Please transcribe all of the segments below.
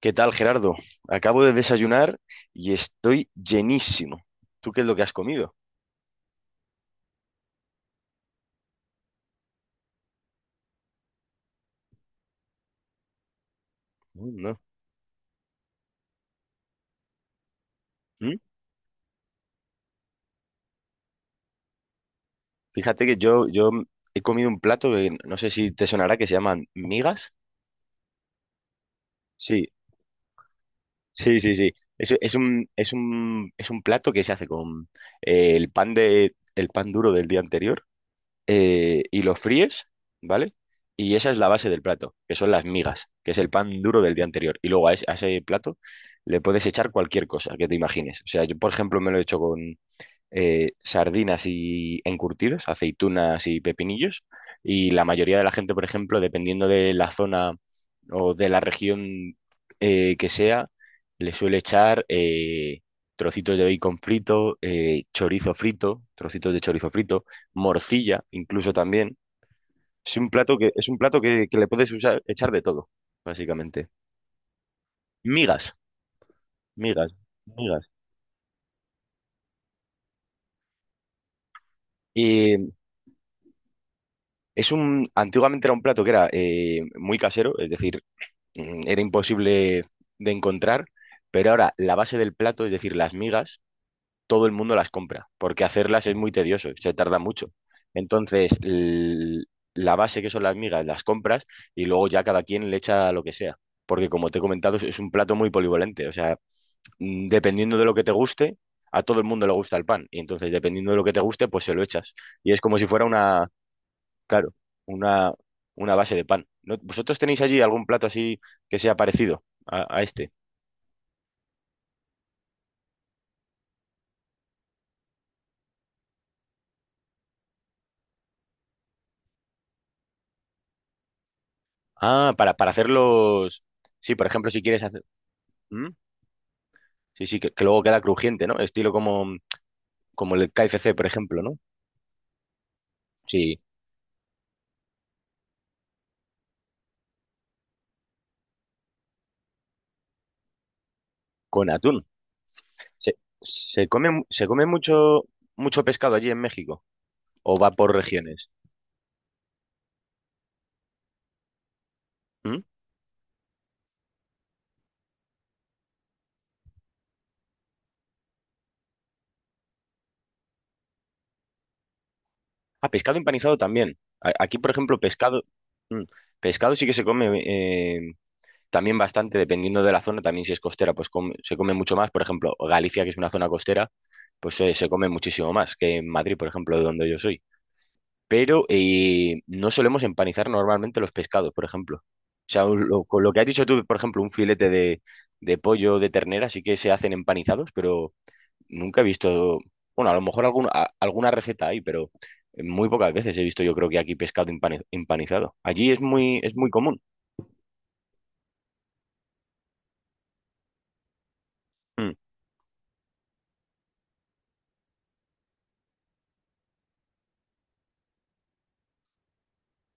¿Qué tal, Gerardo? Acabo de desayunar y estoy llenísimo. ¿Tú qué es lo que has comido? Mm, no. ¿Mm? Fíjate que yo he comido un plato que no sé si te sonará, que se llaman migas. Sí, sí, sí, sí. Es un plato que se hace con el pan duro del día anterior y lo fríes, ¿vale? Y esa es la base del plato, que son las migas, que es el pan duro del día anterior. Y luego a ese plato le puedes echar cualquier cosa que te imagines. O sea, yo, por ejemplo, me lo he hecho con sardinas y encurtidos, aceitunas y pepinillos. Y la mayoría de la gente, por ejemplo, dependiendo de la zona o de la región que sea, le suele echar trocitos de bacon frito, chorizo frito, trocitos de chorizo frito, morcilla incluso también. Es un plato que, es un plato que le puedes usar, echar de todo, básicamente. Migas, migas, migas. Y antiguamente era un plato que era muy casero, es decir, era imposible de encontrar, pero ahora la base del plato, es decir, las migas, todo el mundo las compra, porque hacerlas es muy tedioso, se tarda mucho. Entonces, la base que son las migas, las compras y luego ya cada quien le echa lo que sea. Porque como te he comentado, es un plato muy polivalente. O sea, dependiendo de lo que te guste, a todo el mundo le gusta el pan. Y entonces, dependiendo de lo que te guste, pues se lo echas. Y es como si fuera. Claro, una, una base de pan. ¿Vosotros tenéis allí algún plato así que sea parecido a este? Ah, para hacerlos. Sí, por ejemplo, si quieres hacer. ¿Mm? Sí, sí, que luego queda crujiente, ¿no? Estilo como el KFC, por ejemplo, ¿no? Sí, con atún. ¿Se, se come mucho, mucho pescado allí en México? ¿O va por regiones? ¿Mm? Ah, pescado empanizado también. Aquí, por ejemplo, pescado. mm, Pescado sí que se come. También bastante, dependiendo de la zona, también si es costera, pues se come mucho más. Por ejemplo, Galicia, que es una zona costera, pues se come muchísimo más que en Madrid, por ejemplo, de donde yo soy. Pero no solemos empanizar normalmente los pescados, por ejemplo. O sea, con lo que has dicho tú, por ejemplo, un filete de pollo de ternera sí que se hacen empanizados, pero nunca he visto, bueno, a lo mejor alguna receta hay, pero muy pocas veces he visto yo creo que aquí pescado empanizado. Allí es muy común. Mm.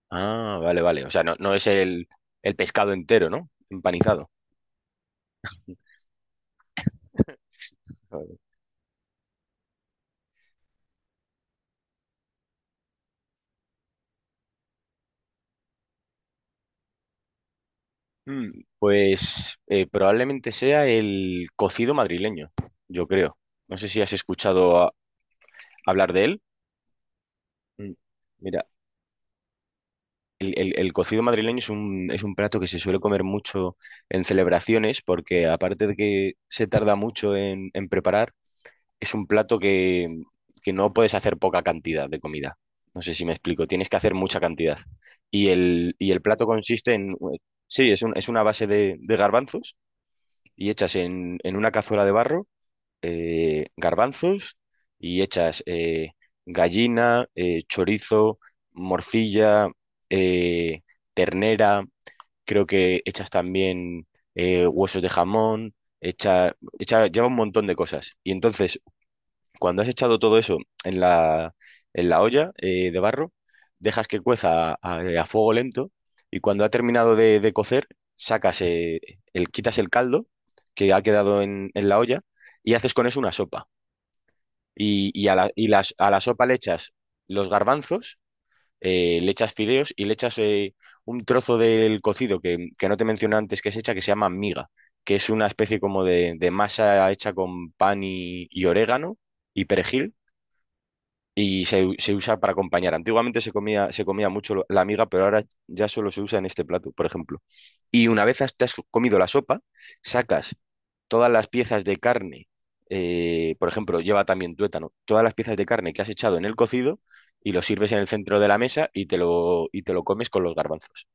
Ah, vale, vale. O sea, no, no es el pescado entero, ¿no? Empanizado. Vale. Pues probablemente sea el cocido madrileño, yo creo. No sé si has escuchado hablar de él. Mm, Mira, el cocido madrileño es un plato que se suele comer mucho en celebraciones porque aparte de que se tarda mucho en preparar, es un plato que no puedes hacer poca cantidad de comida. No sé si me explico, tienes que hacer mucha cantidad. Y el plato consiste en, sí, es una base de garbanzos y echas en una cazuela de barro, garbanzos y echas gallina, chorizo, morcilla, eh, ternera, creo que echas también huesos de jamón, lleva un montón de cosas. Y entonces cuando has echado todo eso en la, en la olla de barro, dejas que cueza a fuego lento y cuando ha terminado de cocer, sacas eh, quitas el caldo que ha quedado en la olla y haces con eso una sopa. Y a la sopa le echas los garbanzos, le echas fideos y le echas un trozo del cocido que no te mencioné antes que se llama miga, que es una especie como de masa hecha con pan y orégano y perejil y se usa para acompañar. Antiguamente se comía mucho la miga, pero ahora ya solo se usa en este plato, por ejemplo. Y una vez te has comido la sopa, sacas todas las piezas de carne, por ejemplo, lleva también tuétano, todas las piezas de carne que has echado en el cocido y lo sirves en el centro de la mesa y te lo comes con los garbanzos,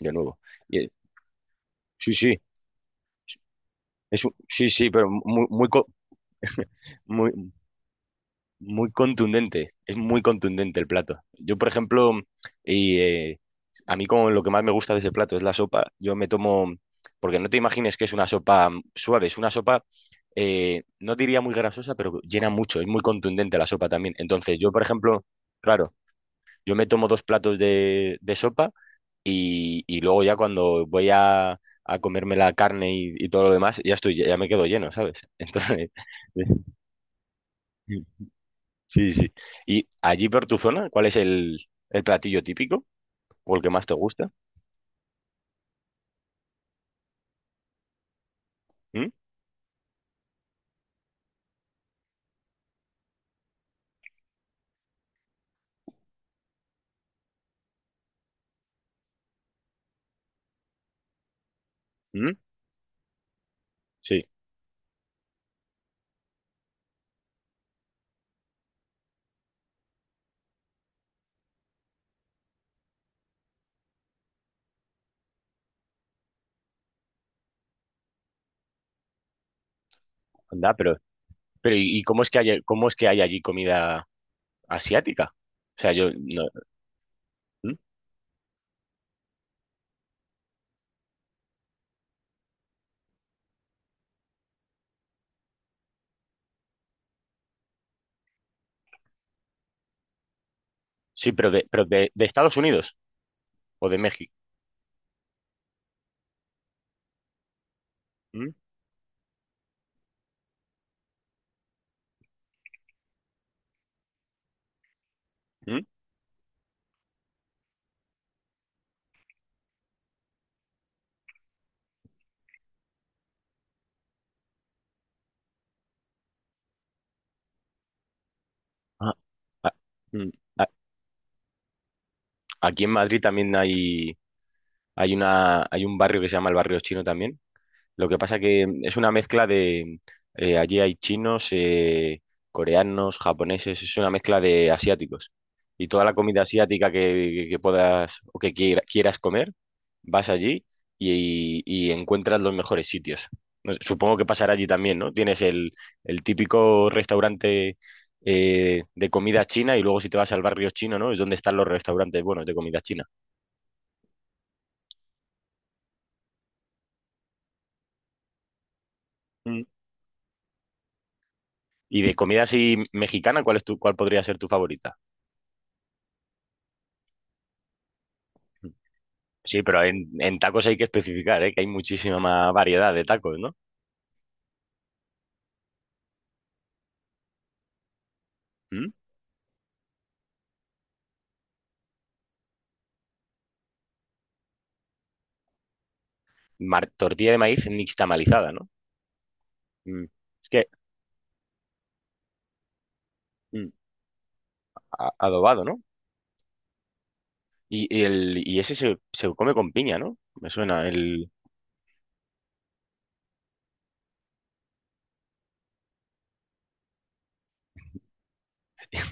de nuevo. Y, eh, sí, sí, es un- sí, sí, pero muy- Muy contundente, es muy contundente el plato. Yo, por ejemplo, y, eh, a mí como lo que más me gusta de ese plato es la sopa, yo me tomo, porque no te imagines que es una sopa suave, es una sopa, no diría muy grasosa, pero llena mucho, es muy contundente la sopa también. Entonces, yo, por ejemplo, claro, yo me tomo dos platos de sopa y luego ya cuando voy a comerme la carne y todo lo demás, ya me quedo lleno, ¿sabes? Entonces, Sí, sí. ¿Y allí por tu zona, cuál es el platillo típico o el que más te gusta? ¿Mm? ¿Mm? Sí, anda, pero ¿y cómo es que hay allí comida asiática? O sea, yo no. ¿Mm? Sí, pero de Estados Unidos o de México. ¿Mm? ¿Mm? Ah, ah, mm. A- Aquí en Madrid también hay un barrio que se llama el barrio chino también. Lo que pasa que es una mezcla de. Allí hay chinos, coreanos, japoneses, es una mezcla de asiáticos. Y toda la comida asiática que puedas o que quieras comer, vas allí y encuentras los mejores sitios. No sé, supongo que pasará allí también, ¿no? Tienes el típico restaurante de comida china y luego si te vas al barrio chino, ¿no? Es donde están los restaurantes buenos de comida china. Mm. Y de comida así mexicana, ¿Cuál podría ser tu favorita? Sí, pero en tacos hay que especificar, ¿eh? Que hay muchísima más variedad de tacos, ¿no? ¿Mm? Tortilla de maíz nixtamalizada, ¿no? Mm. Es que mm, adobado, ¿no? Y ese se come con piña, ¿no? Me suena. El.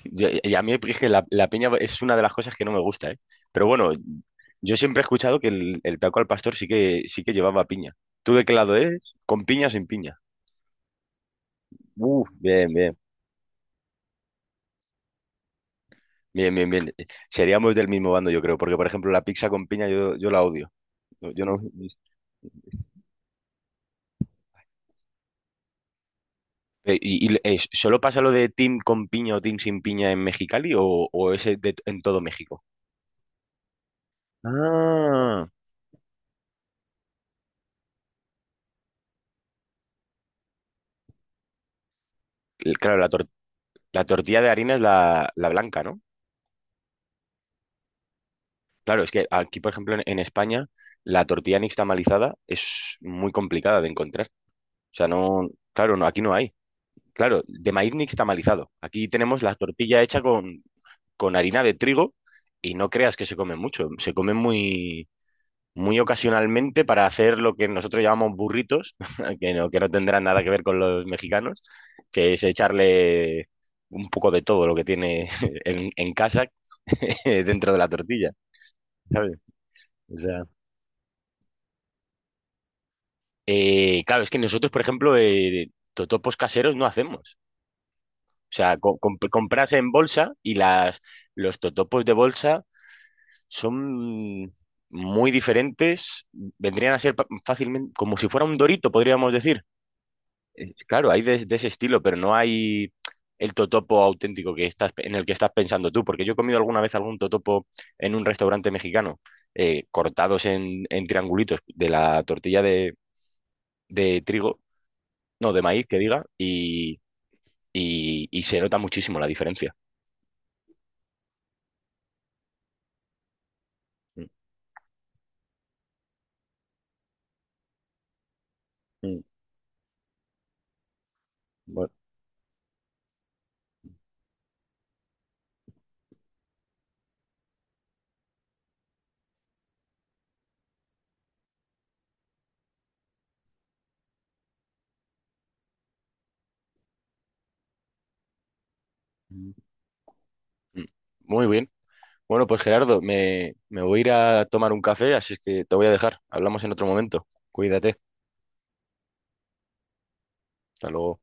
Y a mí es que la piña es una de las cosas que no me gusta, ¿eh? Pero bueno, yo siempre he escuchado que el taco al pastor sí que llevaba piña. ¿Tú de qué lado eres? ¿Con piña o sin piña? Uf, bien, bien. Bien, bien, bien. Seríamos del mismo bando, yo creo, porque por ejemplo la pizza con piña yo la odio. No, yo no. ¿ Solo pasa lo de team con piña o team sin piña en Mexicali o en todo México? Ah, claro, la tortilla de harina es la blanca, ¿no? Claro, es que aquí, por ejemplo, en España, la tortilla nixtamalizada es muy complicada de encontrar. O sea, no, claro, no, aquí no hay. Claro, de maíz nixtamalizado. Aquí tenemos la tortilla hecha con harina de trigo y no creas que se come mucho. Se come muy, muy ocasionalmente para hacer lo que nosotros llamamos burritos, que no, tendrán nada que ver con los mexicanos, que es echarle un poco de todo lo que tiene en casa dentro de la tortilla, ¿sabes? O sea, claro, es que nosotros, por ejemplo, totopos caseros no hacemos. O sea, comprarse en bolsa y los totopos de bolsa son muy diferentes, vendrían a ser fácilmente, como si fuera un dorito, podríamos decir. Claro, hay de ese estilo, pero no hay el totopo auténtico en el que estás pensando tú, porque yo he comido alguna vez algún totopo en un restaurante mexicano, cortados en triangulitos de la tortilla de trigo, no, de maíz, que diga, y se nota muchísimo la diferencia. Mm, mm, bueno, mm, mm. Muy bien. Bueno, pues Gerardo, me voy a ir a tomar un café, así es que te voy a dejar. Hablamos en otro momento. Cuídate. Hasta luego.